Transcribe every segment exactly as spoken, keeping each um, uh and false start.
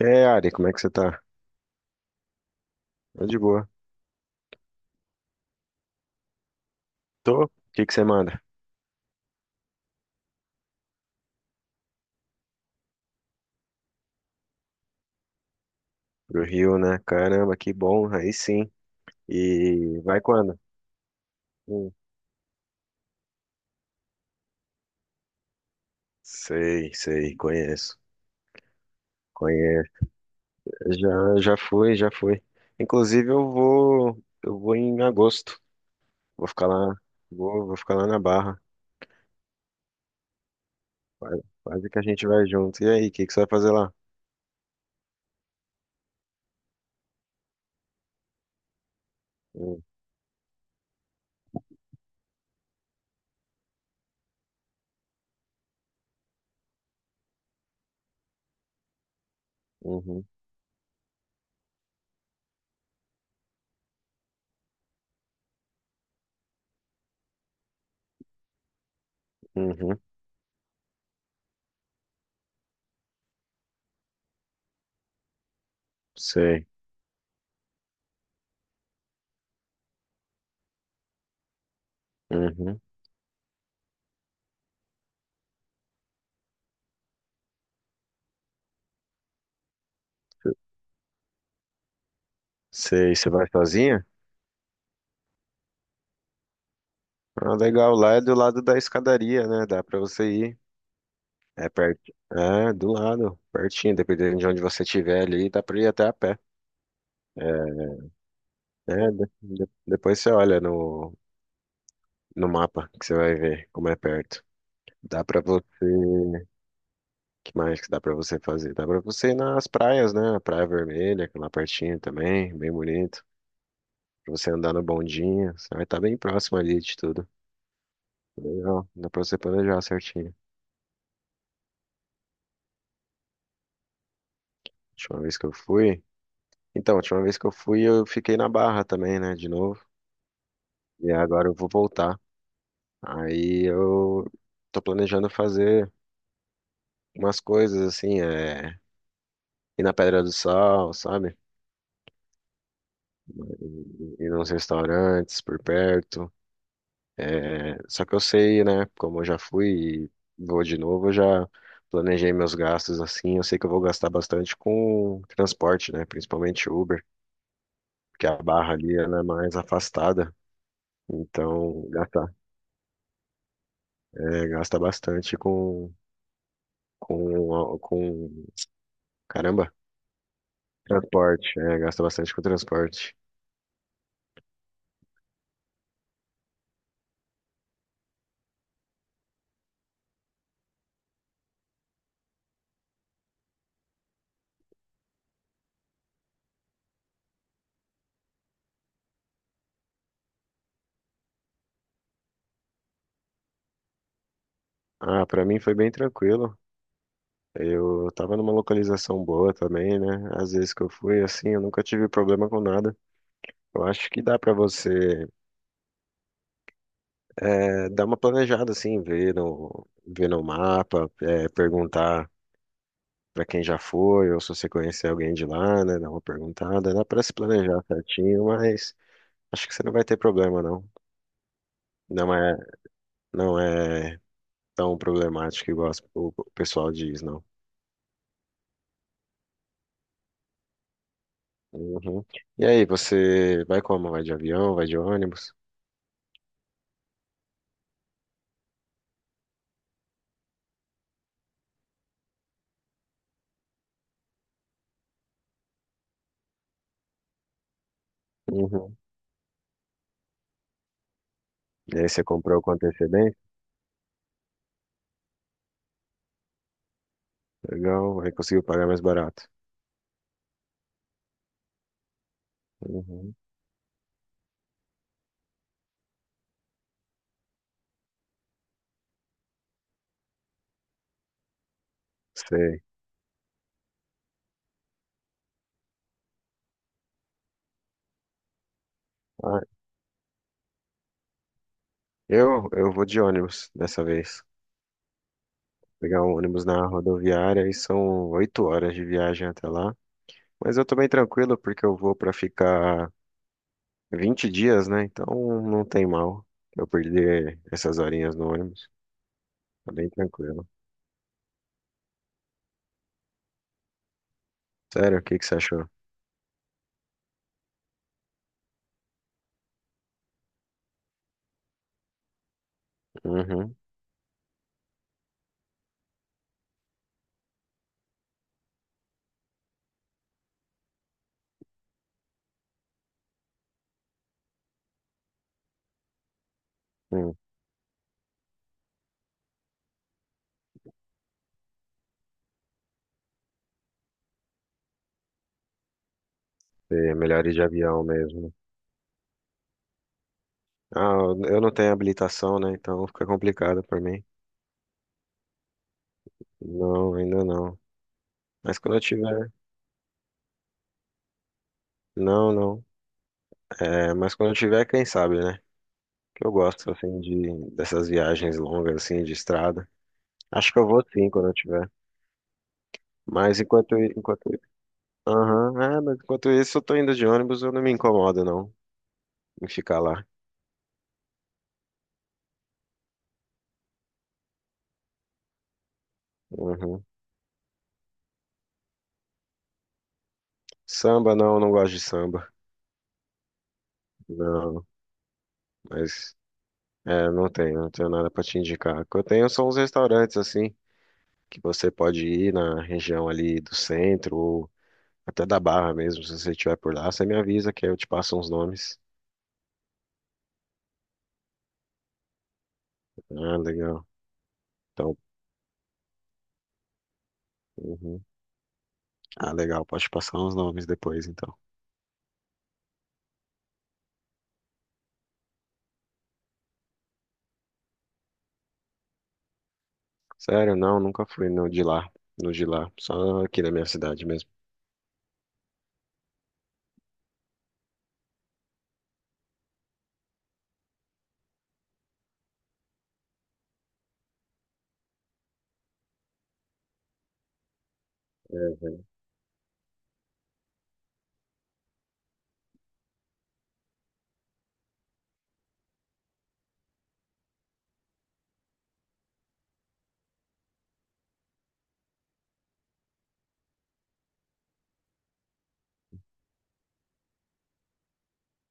É, Ari, como é que você tá? Tô de boa. Tô? O que que você manda? Pro Rio, né? Caramba, que bom, aí sim. E vai quando? Hum. Sei, sei, conheço. Conheço. Já, já fui, já fui. Inclusive eu vou, eu vou em agosto. Vou ficar lá, vou, vou ficar lá na Barra. Quase quase que a gente vai junto. E aí, o que que você vai fazer lá? Hum. Uhum. Uhum, sei. Uhum. Sei, você vai sozinha? Ah, legal, lá é do lado da escadaria, né? Dá pra você ir. É perto. É, do lado, pertinho, dependendo de onde você estiver ali, dá pra ir até a pé. É, é, de- de- depois você olha no, no mapa que você vai ver como é perto. Dá pra você. Que mais que dá pra você fazer? Dá pra você ir nas praias, né? Praia Vermelha, que é lá pertinho também, bem bonito. Pra você andar no bondinho, você vai estar bem próximo ali de tudo. Legal, dá pra você planejar certinho. Última vez que eu fui. Então, a última vez que eu fui, eu fiquei na Barra também, né? De novo. E agora eu vou voltar. Aí eu tô planejando fazer umas coisas assim, é, ir na Pedra do Sal, sabe? Ir ir nos restaurantes por perto. É, só que eu sei, né? Como eu já fui e vou de novo, eu já planejei meus gastos assim. Eu sei que eu vou gastar bastante com transporte, né? Principalmente Uber, porque a barra ali ela é mais afastada. Então, gasta, é, gasta bastante com, com, com, caramba. Transporte, é, gasta bastante com transporte. Ah, pra mim foi bem tranquilo. Eu tava numa localização boa também, né? Às vezes que eu fui, assim, eu nunca tive problema com nada. Eu acho que dá pra você é, dar uma planejada, assim, ver no, ver no mapa, é, perguntar pra quem já foi, ou se você conhecer alguém de lá, né? Dar uma perguntada. Dá pra se planejar certinho, mas acho que você não vai ter problema, não. Não é, não é tão problemático igual as- o o pessoal diz, não. Uhum. E aí, você vai como? Vai de avião? Vai de ônibus? Uhum. E aí, você comprou com antecedência? Legal, aí conseguiu pagar mais barato. Uhum. Sei. Ah, eu, eu vou de ônibus dessa vez. Pegar um ônibus na rodoviária e são oito horas de viagem até lá. Mas eu tô bem tranquilo porque eu vou pra ficar vinte dias, né? Então não tem mal eu perder essas horinhas no ônibus. Tá bem tranquilo. Sério, o que que você achou? Uhum. Hum. É melhor ir de avião mesmo. Ah, eu não tenho habilitação, né? Então fica complicado pra mim. Não, ainda não. Mas quando eu tiver, não, não. É, mas quando eu tiver, quem sabe, né? Que eu gosto assim de dessas viagens longas assim de estrada. Acho que eu vou sim quando eu tiver. Mas enquanto enquanto, aham, é, mas enquanto isso eu tô indo de ônibus, eu não me incomodo não em ficar lá. Uhum. Samba não, não gosto de samba. Não, mas é, não tenho, não tenho nada pra te indicar. O que eu tenho são uns restaurantes assim que você pode ir na região ali do centro ou até da Barra mesmo, se você estiver por lá, você me avisa que aí eu te passo uns nomes. Ah, legal. Então, uhum. Ah, legal, pode passar uns nomes depois, então. Sério, não, nunca fui no de lá, no de lá, só aqui na minha cidade mesmo. É.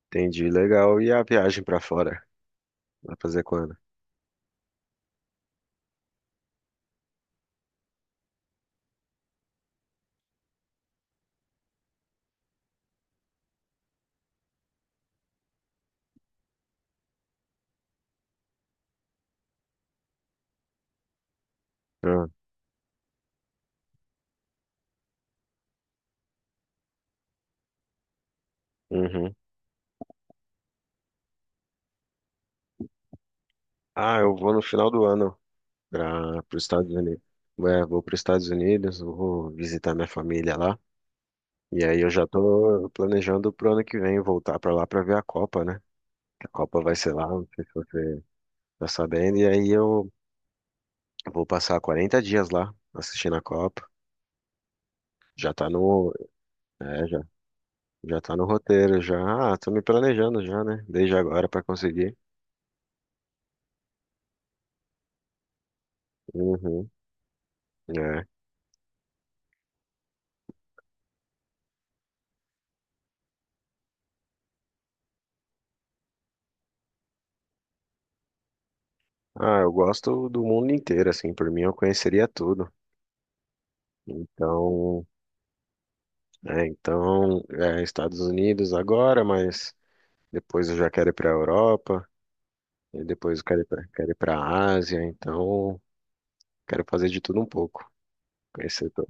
Entendi, legal. E a viagem pra fora? Vai fazer quando? Ah, uhum. Ah, eu vou no final do ano para os Estados Unidos. É, vou para os Estados Unidos, vou visitar minha família lá. E aí eu já tô planejando pro ano que vem voltar pra lá pra ver a Copa, né? A Copa vai ser lá, não sei se você tá sabendo. E aí eu vou passar quarenta dias lá assistindo a Copa. Já tá no, é, já, já tá no roteiro, já. Ah, tô me planejando já, né? Desde agora pra conseguir. Uhum, é. Ah, eu gosto do mundo inteiro, assim, por mim eu conheceria tudo. Então, é, então, é, Estados Unidos agora, mas depois eu já quero ir para a Europa. E depois eu quero ir pra, quero ir pra Ásia, então quero fazer de tudo um pouco. Conhecer, to-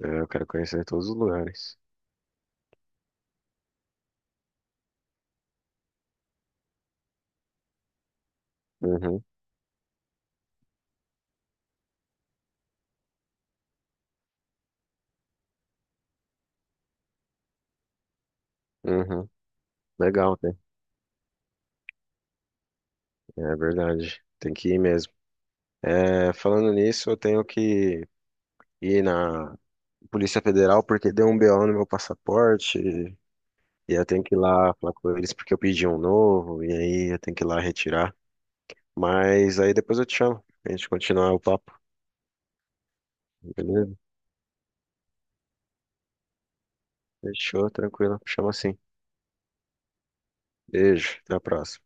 é, eu quero conhecer todos os lugares. Uhum, uhum. Legal, né? É verdade. Tem que ir mesmo. É, falando nisso, eu tenho que ir na Polícia Federal porque deu um B O no meu passaporte. E eu tenho que ir lá falar com eles porque eu pedi um novo. E aí eu tenho que ir lá retirar. Mas aí depois eu te chamo. A gente continuar o papo, beleza? Fechou, tranquilo. Chama assim. Beijo, até a próxima.